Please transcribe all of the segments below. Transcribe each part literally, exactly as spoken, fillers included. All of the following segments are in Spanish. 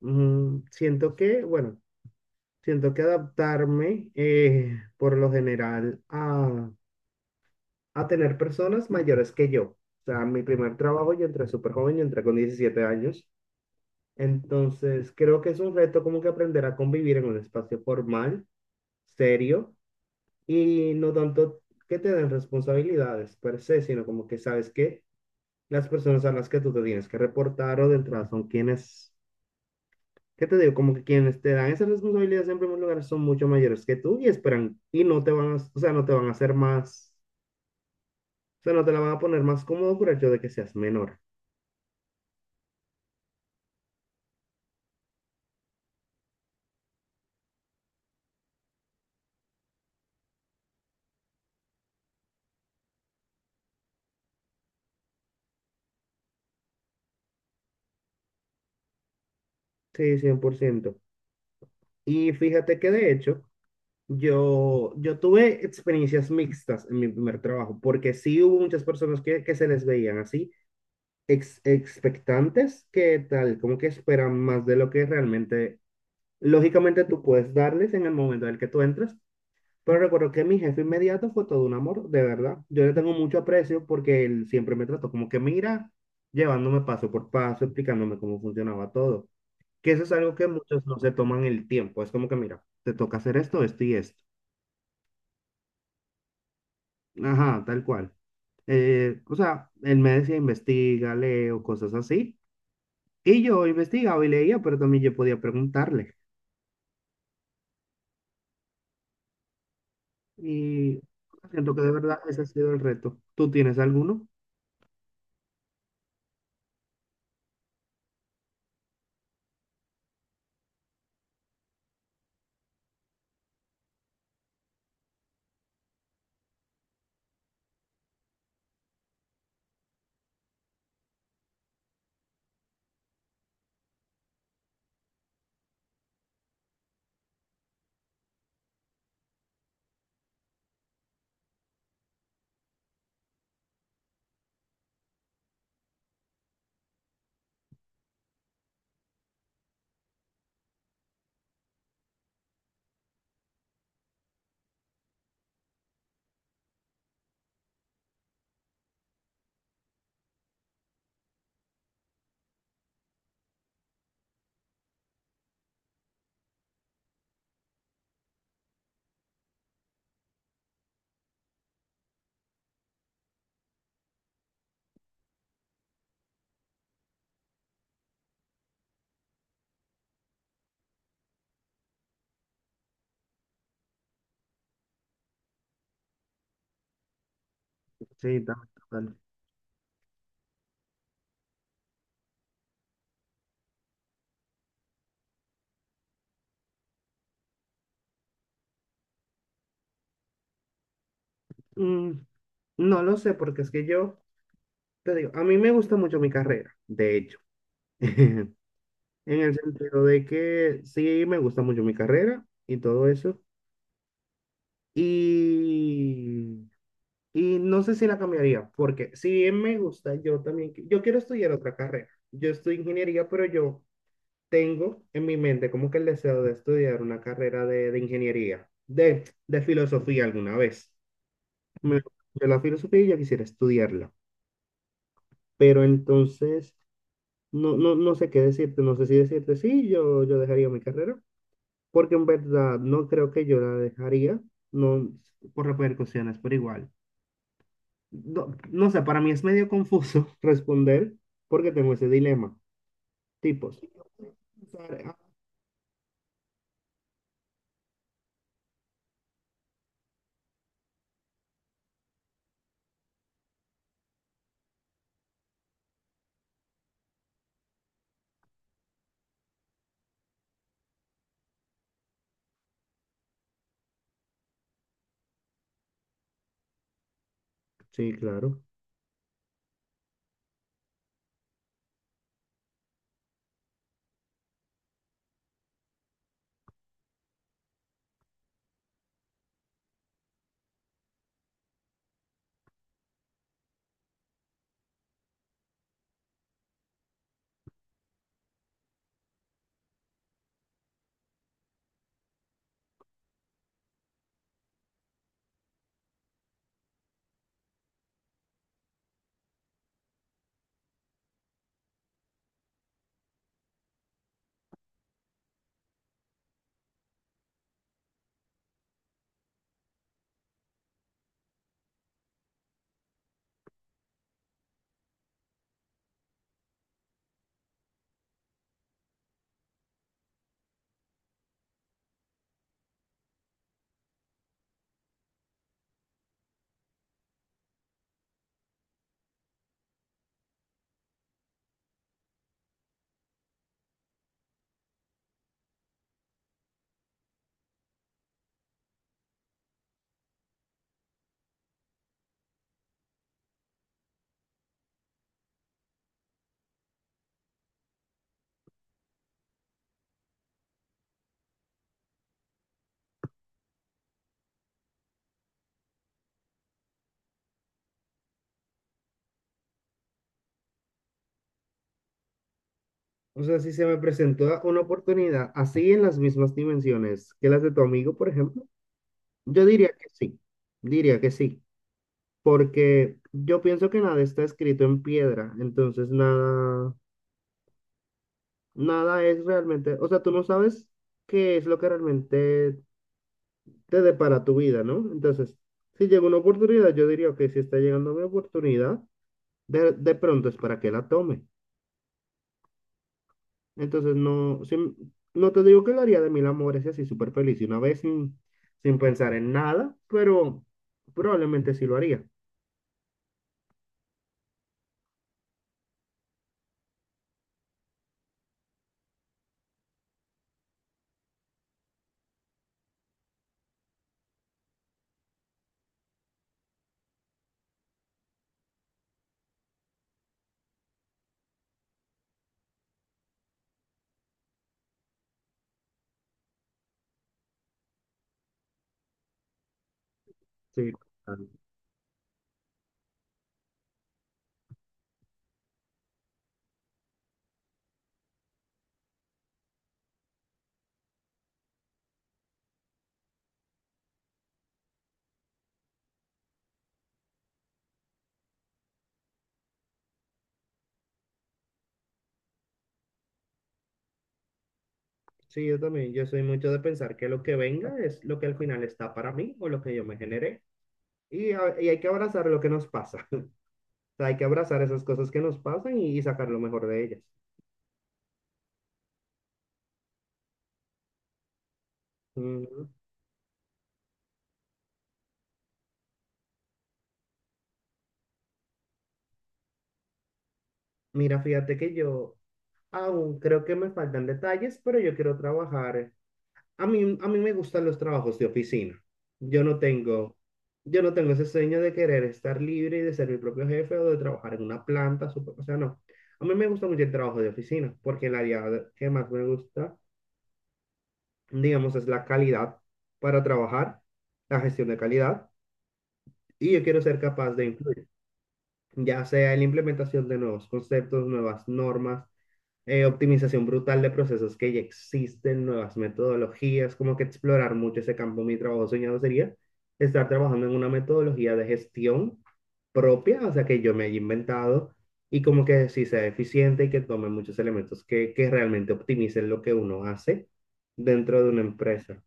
Mm, siento que, bueno, siento que adaptarme eh, por lo general a, a tener personas mayores que yo. O sea, mi primer trabajo yo entré súper joven, yo entré con diecisiete años. Entonces, creo que es un reto como que aprender a convivir en un espacio formal, serio, y no tanto que te den responsabilidades per se, sino como que sabes que las personas a las que tú te tienes que reportar o de entrada son quienes... ¿Qué te digo? Como que quienes te dan esa responsabilidad en primer lugar son mucho mayores que tú y esperan y no te van a, o sea, no te van a hacer más, o sea, no te la van a poner más cómodo por el hecho de que seas menor. Sí, cien por ciento. Y fíjate que de hecho, yo, yo tuve experiencias mixtas en mi primer trabajo, porque sí hubo muchas personas que, que se les veían así, ex- expectantes, que tal, como que esperan más de lo que realmente, lógicamente tú puedes darles en el momento en el que tú entras. Pero recuerdo que mi jefe inmediato fue todo un amor, de verdad. Yo le tengo mucho aprecio porque él siempre me trató como que mira, llevándome paso por paso, explicándome cómo funcionaba todo. Que eso es algo que muchos no se toman el tiempo. Es como que mira, te toca hacer esto, esto y esto. Ajá, tal cual. Eh, o sea, él me decía investiga, leo, cosas así. Y yo investigaba y leía, pero también yo podía preguntarle. Y siento que de verdad ese ha sido el reto. ¿Tú tienes alguno? Sí, también. Mm, no lo sé, porque es que yo, te digo, a mí me gusta mucho mi carrera, de hecho, en el sentido de que sí me gusta mucho mi carrera y todo eso. Y, y no sé si la cambiaría, porque si me gusta, yo también, qui- yo quiero estudiar otra carrera. Yo estudio ingeniería, pero yo tengo en mi mente como que el deseo de estudiar una carrera de, de ingeniería, de, de filosofía alguna vez. Me gusta la filosofía y yo quisiera estudiarla. Pero entonces... No, no, no sé qué decirte, no sé si decirte sí, yo, yo dejaría mi carrera, porque en verdad no creo que yo la dejaría, no por repercusiones, pero igual. No, no sé, para mí es medio confuso responder porque tengo ese dilema. Tipos. Sí, claro. O sea, si se me presentó una oportunidad así en las mismas dimensiones que las de tu amigo, por ejemplo, yo diría que sí, diría que sí, porque yo pienso que nada está escrito en piedra, entonces nada. Nada es realmente, o sea, tú no sabes qué es lo que realmente te depara tu vida, ¿no? Entonces, si llega una oportunidad, yo diría que si está llegando mi oportunidad, de, de pronto es para que la tome. Entonces, no, si m- no te digo que lo haría de mil amores y así súper feliz y una vez sin, sin pensar en nada, pero probablemente sí lo haría. Sí, ah. Sí, yo también, yo soy mucho de pensar que lo que venga es lo que al final está para mí o lo que yo me generé y, a- y hay que abrazar lo que nos pasa. Sea, hay que abrazar esas cosas que nos pasan y, y sacar lo mejor de ellas. Ujú. Mira, fíjate que yo aún creo que me faltan detalles, pero yo quiero trabajar. A mí, a mí me gustan los trabajos de oficina. Yo no tengo, yo no tengo ese sueño de querer estar libre y de ser mi propio jefe o de trabajar en una planta. Super- o sea, no. A mí me gusta mucho el trabajo de oficina porque el área de- que más me gusta, digamos, es la calidad para trabajar, la gestión de calidad, y yo quiero ser capaz de influir, ya sea en la implementación de nuevos conceptos, nuevas normas, eh, optimización brutal de procesos que ya existen, nuevas metodologías, como que explorar mucho ese campo. Mi trabajo soñado sería estar trabajando en una metodología de gestión propia, o sea, que yo me haya inventado y como que sí sea eficiente y que tome muchos elementos que, que realmente optimicen lo que uno hace dentro de una empresa.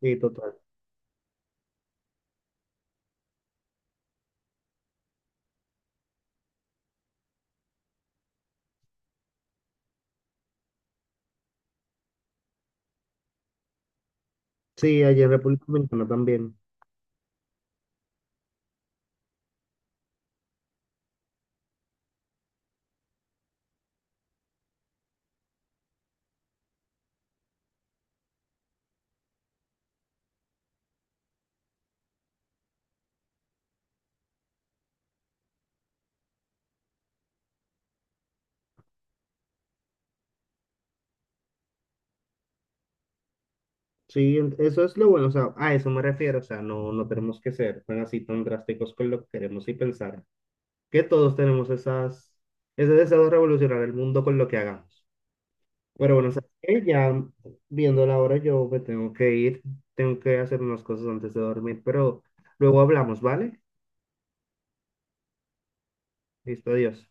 Sí, total. Sí, allí en República Dominicana también. Sí, en- eso es lo bueno, o sea, a eso me refiero, o sea, no, no tenemos que ser tan así tan drásticos con lo que queremos y pensar que todos tenemos esas, ese deseo de revolucionar el mundo con lo que hagamos. Pero bueno, ¿sabes qué? Ya viendo la hora, yo me tengo que ir, tengo que hacer unas cosas antes de dormir, pero luego hablamos, ¿vale? Listo, adiós.